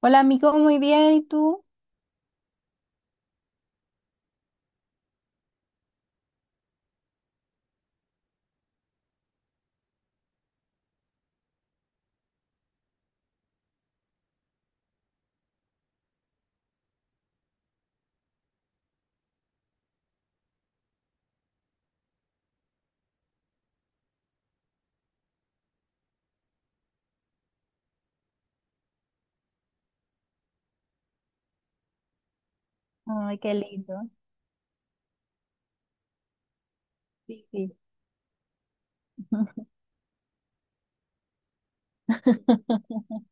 Hola, amigo, muy bien, ¿y tú? Ay, qué lindo. Sí, sí.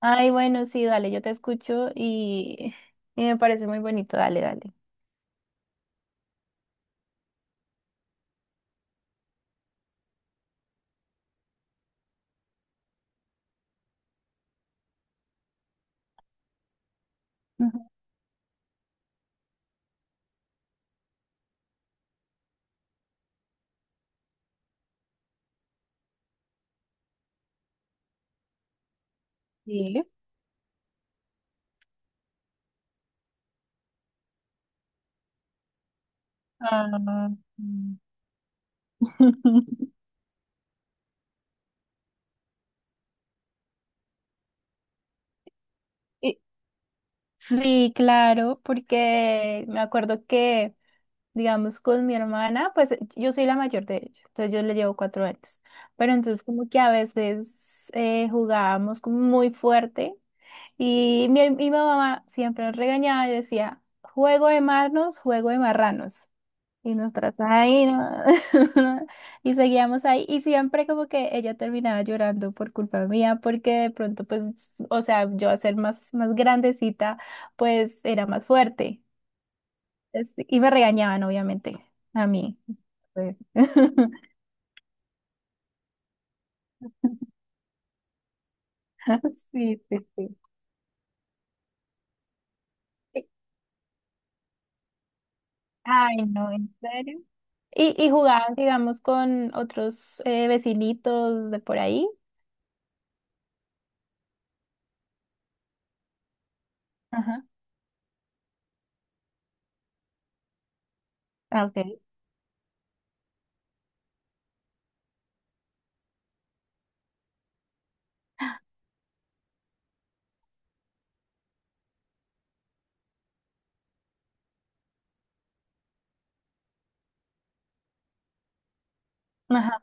Ay, bueno, sí, dale, yo te escucho y me parece muy bonito, dale, dale. Ujú. Sí. Ah, mm. Y- Sí, claro, porque me acuerdo que, digamos, con mi hermana, pues yo soy la mayor de ella, entonces yo le llevo 4 años, pero entonces como que a veces jugábamos como muy fuerte. Y mi mamá siempre nos regañaba y decía, juego de marnos, juego de marranos. Y nos trataba ahí, ¿no? Y seguíamos ahí. Y siempre como que ella terminaba llorando por culpa mía, porque de pronto, pues, o sea, yo a ser más grandecita, pues era más fuerte. Y me regañaban, obviamente, a mí. Sí, sí, sí. Sí. Ay, no, ¿en serio? Y jugaban, digamos, con otros vecinitos de por ahí. Ajá. Ah, ok. Ajá.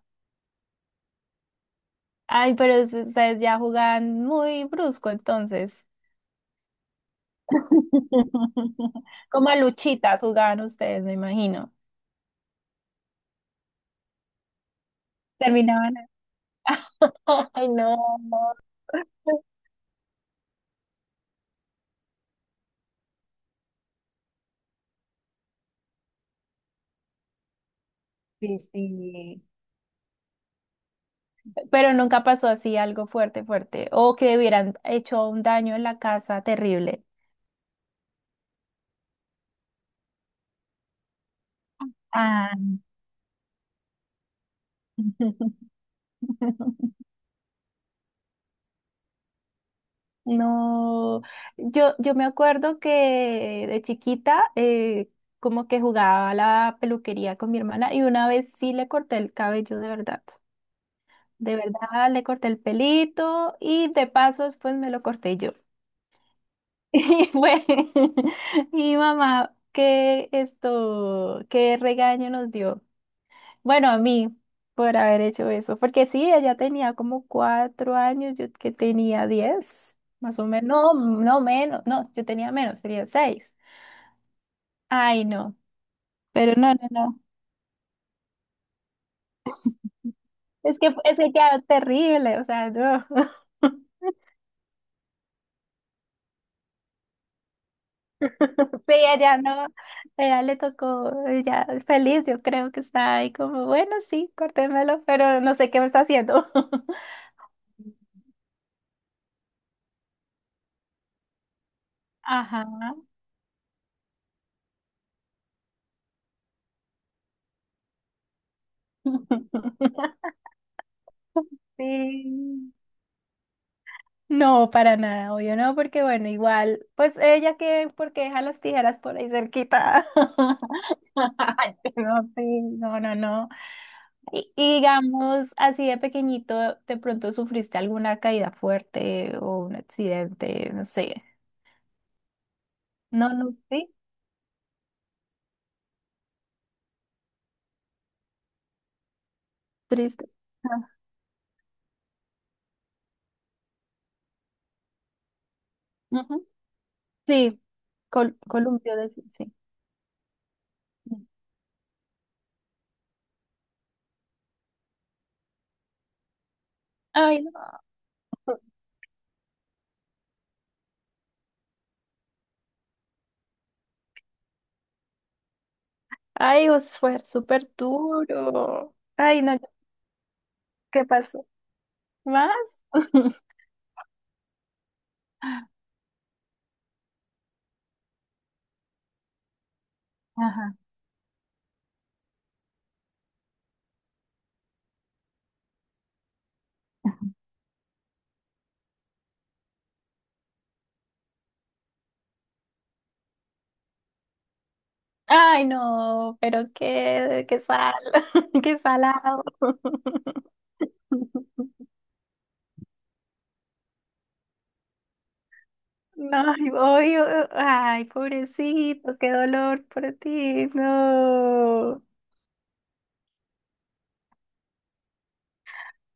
Ay, pero ustedes ya jugaban muy brusco entonces. Como a luchitas jugaban ustedes, me imagino. Terminaban. Ay, no. Sí, sí. Pero nunca pasó así algo fuerte, fuerte. O que hubieran hecho un daño en la casa terrible. Ah. No, yo me acuerdo que de chiquita como que jugaba a la peluquería con mi hermana y una vez sí le corté el cabello de verdad. De verdad le corté el pelito y de paso después me lo corté yo. Y fue mi mamá, qué esto, qué regaño nos dio. Bueno, a mí, por haber hecho eso, porque sí, ella tenía como 4 años, yo que tenía 10, más o menos, no, no menos, no, yo tenía menos, tenía seis. Ay, no, pero no, no, no, es que quedaron terrible, o sea, no. Sí, ella no, ella le tocó, ella feliz, yo creo que está ahí como, bueno, sí, córtemelo pero no sé qué me está haciendo. Ajá. Sí. No, para nada, obvio no, porque bueno, igual, pues ella que, porque deja las tijeras por ahí cerquita. Ay, no, sí, no, no, no. Y digamos, así de pequeñito, ¿de pronto sufriste alguna caída fuerte o un accidente? No sé. No, no, sí, triste. Ah, ujú. Sí, columpio de sí. Sí. Ay, no. Pues, ay, os fue súper duro. Ay, no, ¿qué pasó? ¿Más? Ajá. Ay, no, pero qué, qué sal, qué salado. No, ay, odio, ay, pobrecito, qué dolor por ti, no.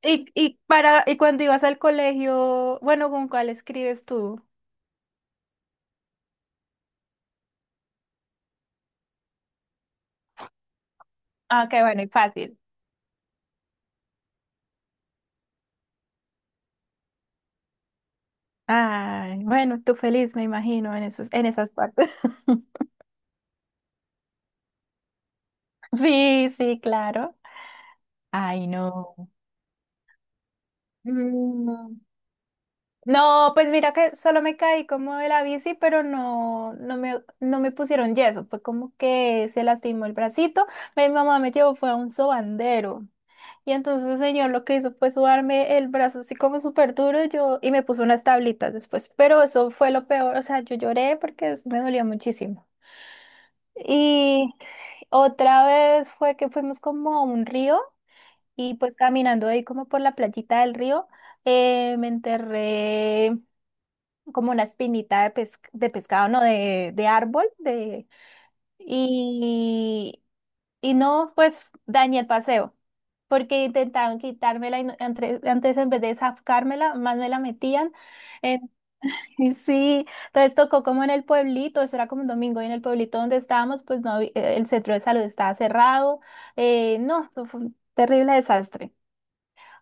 Y cuando ibas al colegio, bueno, ¿con cuál escribes tú? Ah, qué bueno y fácil. Ay, bueno, tú feliz, me imagino, en esas partes. Sí, sí, claro. Ay, no. Mm. No, pues mira que solo me caí como de la bici, pero no, no me pusieron yeso. Fue como que se lastimó el bracito. Mi mamá me llevó, fue a un sobandero. Y entonces el señor lo que hizo fue sudarme el brazo así como súper duro yo, y me puso unas tablitas después. Pero eso fue lo peor. O sea, yo lloré porque eso me dolía muchísimo. Y otra vez fue que fuimos como a un río y pues caminando ahí como por la playita del río, me enterré como una espinita de, de pescado, no, de árbol, y, y no, pues dañé el paseo, porque intentaban quitármela y antes en vez de sacármela, más me la metían. En- y sí, entonces tocó como en el pueblito, eso era como un domingo, y en el pueblito donde estábamos, pues no, el centro de salud estaba cerrado, no, eso fue un terrible desastre.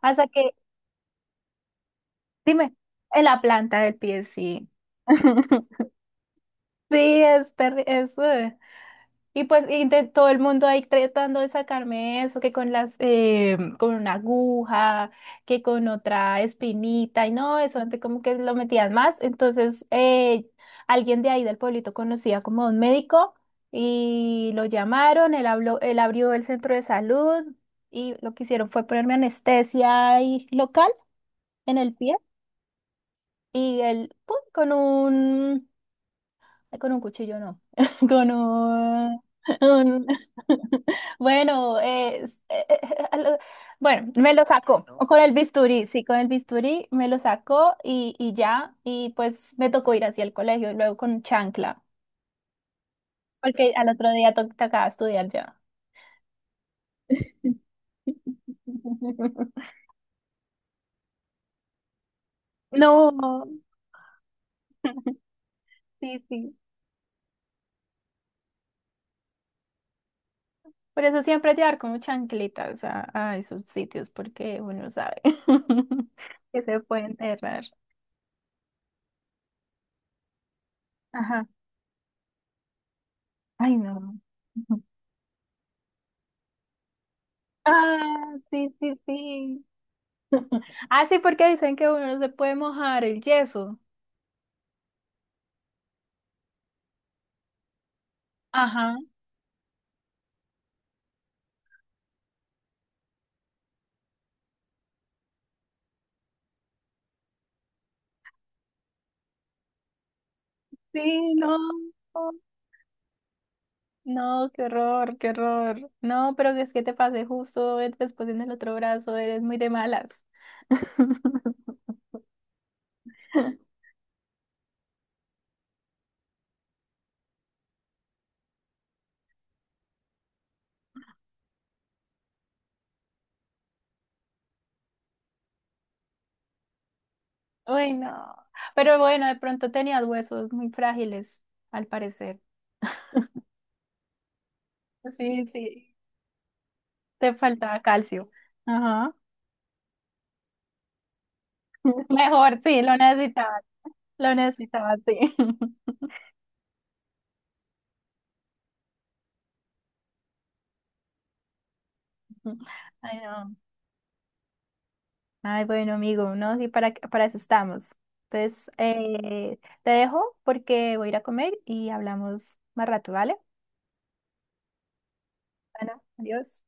Hasta que, dime, en la planta del pie, sí. Sí, es terrible. Y pues y de todo el mundo ahí tratando de sacarme eso, que con las, con una aguja, que con otra espinita, y no, eso antes como que lo metían más. Entonces, alguien de ahí del pueblito conocía como a un médico y lo llamaron, él habló, él abrió el centro de salud y lo que hicieron fue ponerme anestesia ahí local en el pie y él, pum, con un cuchillo no. Con un... un- Bueno, bueno, me lo sacó. O con el bisturí, sí, con el bisturí me lo sacó y ya. Y pues me tocó ir hacia el colegio, y luego con chancla, porque al otro día tocaba estudiar ya. No. Sí, sí. Por eso siempre llevar como chanclitas a esos sitios, porque uno sabe que se puede enterrar. Ajá. Ay, no. Ujú. Ah, sí, sí, sí. Ah, sí, porque dicen que uno no se puede mojar el yeso. Ajá. Sí, no. No, qué horror, qué horror. No, pero es que te pasé justo después en el otro brazo, eres muy de malas. Uy, no. Pero bueno, de pronto tenías huesos muy frágiles, al parecer. Sí, sí. Te faltaba calcio. Ajá. Mejor, sí, lo necesitaba. Lo necesitaba, sí. Ay, no. Ay, bueno, amigo, no, sí, para eso estamos. Entonces, te dejo porque voy a ir a comer y hablamos más rato, ¿vale? Bueno, adiós.